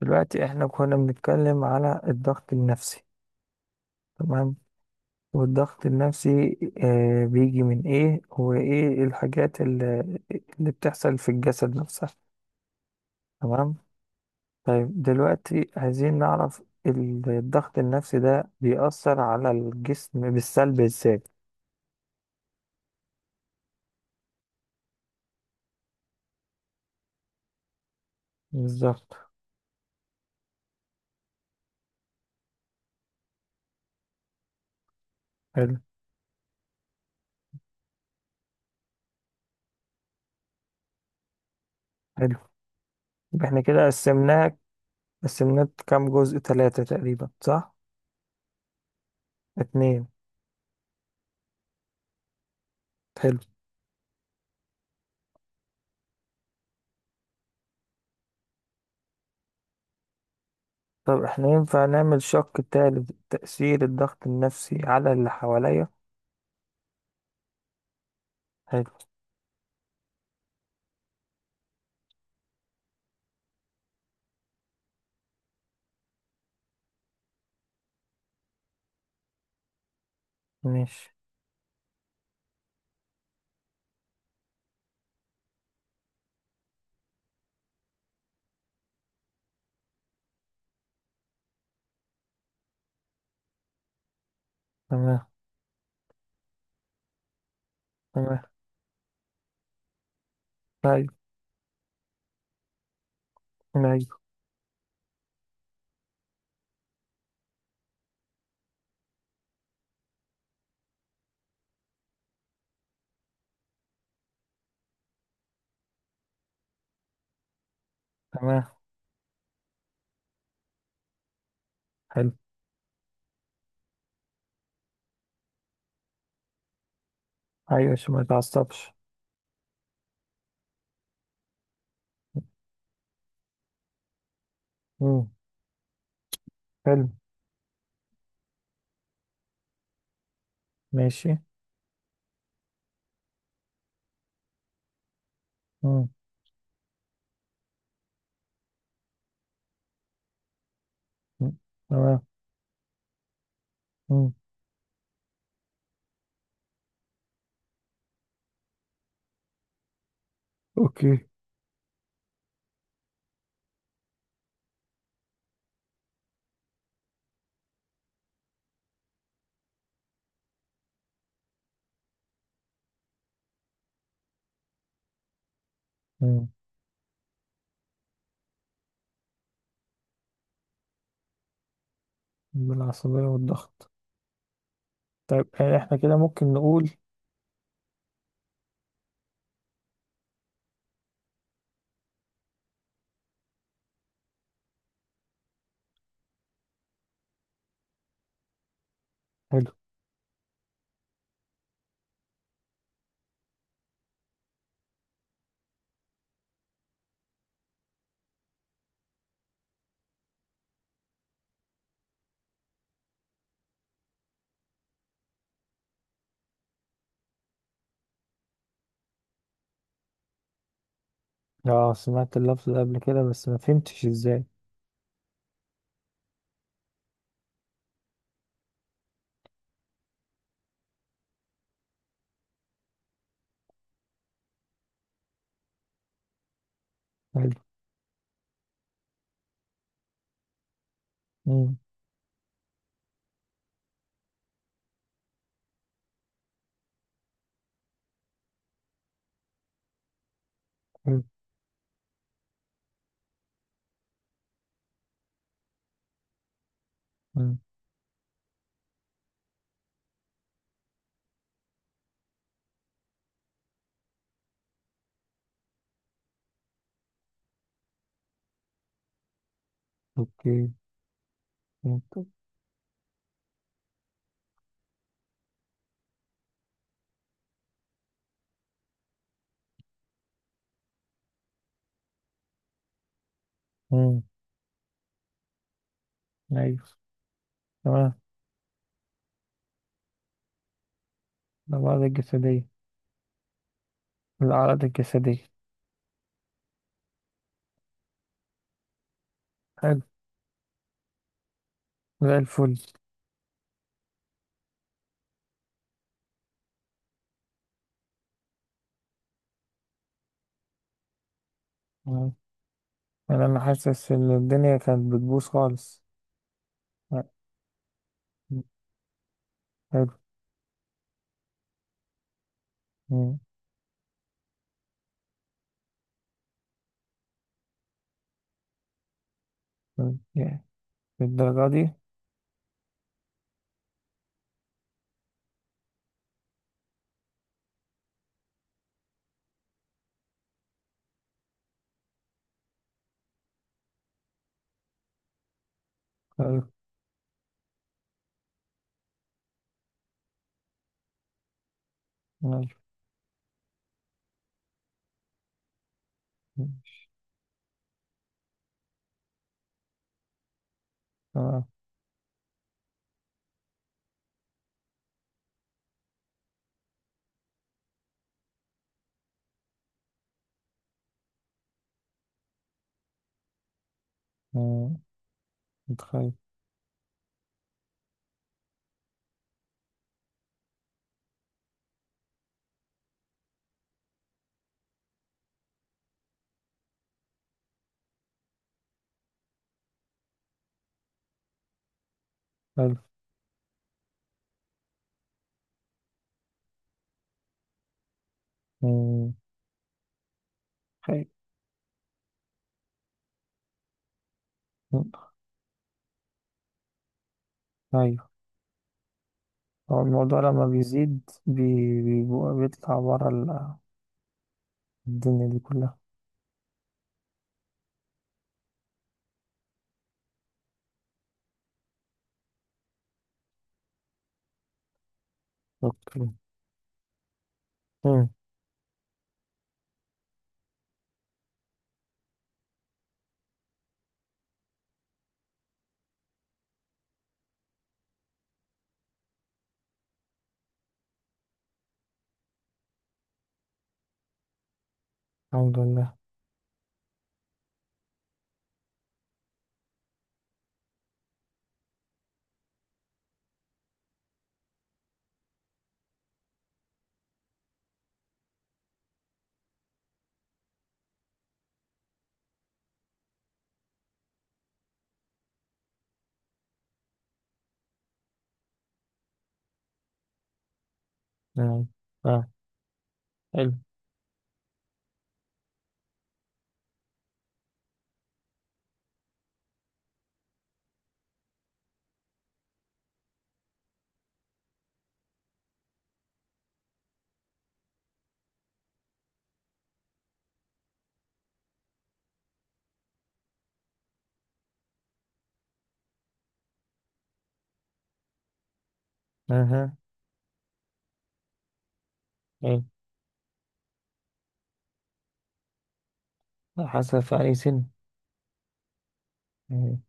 دلوقتي احنا كنا بنتكلم على الضغط النفسي. تمام. والضغط النفسي بيجي من ايه وايه الحاجات اللي بتحصل في الجسد نفسها. تمام. طيب دلوقتي عايزين نعرف الضغط النفسي ده بيأثر على الجسم بالسلب ازاي؟ بالظبط. حلو. حلو، يبقى احنا كده قسمناه. قسمناه كام جزء؟ ثلاثة تقريبا، صح؟ اتنين. حلو. طب احنا ينفع نعمل شق تالت، تأثير الضغط النفسي على اللي حواليا؟ حلو. ماشي. تمام. تمام. أيوة. أيوة. تمام. حلو. أيوة، عشان ما يتعصبش. مم. حلو. ماشي. مم. مم. تمام. مم. أوكي. مم. بالعصبية والضغط. طيب، احنا كده ممكن نقول. حلو. اه، سمعت اللفظ ده قبل كده بس ما فهمتش ازاي. حلو. مم. حلو. مم. أوكي. فهمت. مم. أيوة. تمام. الأمراض الجسدية. الأعراض الجسدية. حلو. زي الفل. مم. يعني أنا حاسس إن الدنيا كانت بتبوظ خالص. مم. حلو. مم. مم. يعني للدرجة دي. حلو. ماشي. ماشي. تمام. مم. متخيل. حلو. مم. حلو. مم. أيوة. هو الموضوع لما بيزيد بيطلع برا الدنيا دي كلها. أوكي. مم. الحمد لله. نعم. آه. حلو. أها. حلو. حاسة في أي سن. مم.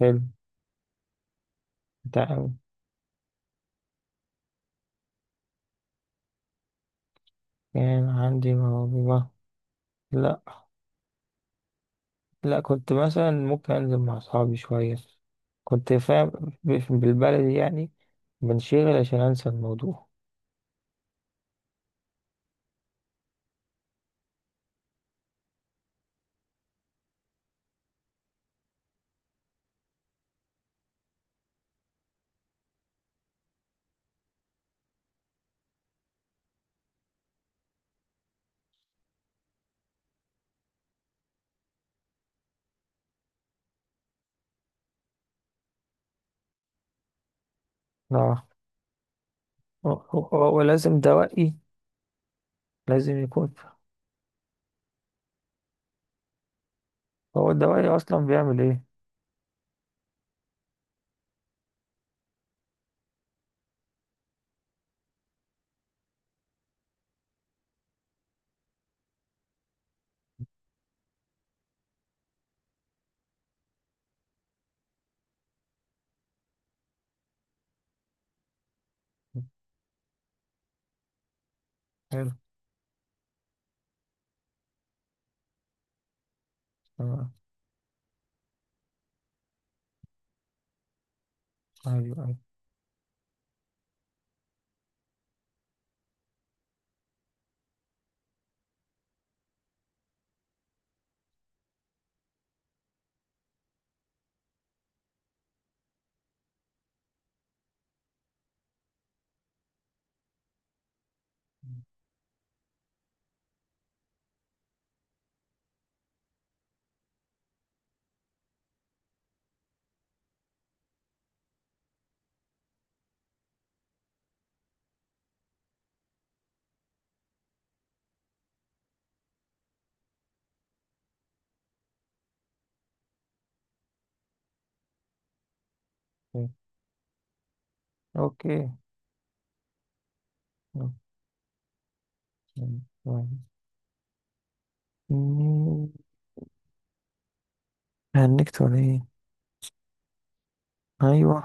حلو. تع- كان عندي موهبة. لا. لا، كنت مثلا ممكن أنزل مع أصحابي شوية. كنت فاهم بالبلدي يعني. بنشغل عشان أنسى الموضوع. آه. و- و- ولازم دوائي. لازم يكون. هو الدوائي أصلا بيعمل إيه؟ حلو. تمام. أيوه. أيوه. أوكي. أوكي. هنكت ولا إيه؟ أيوه.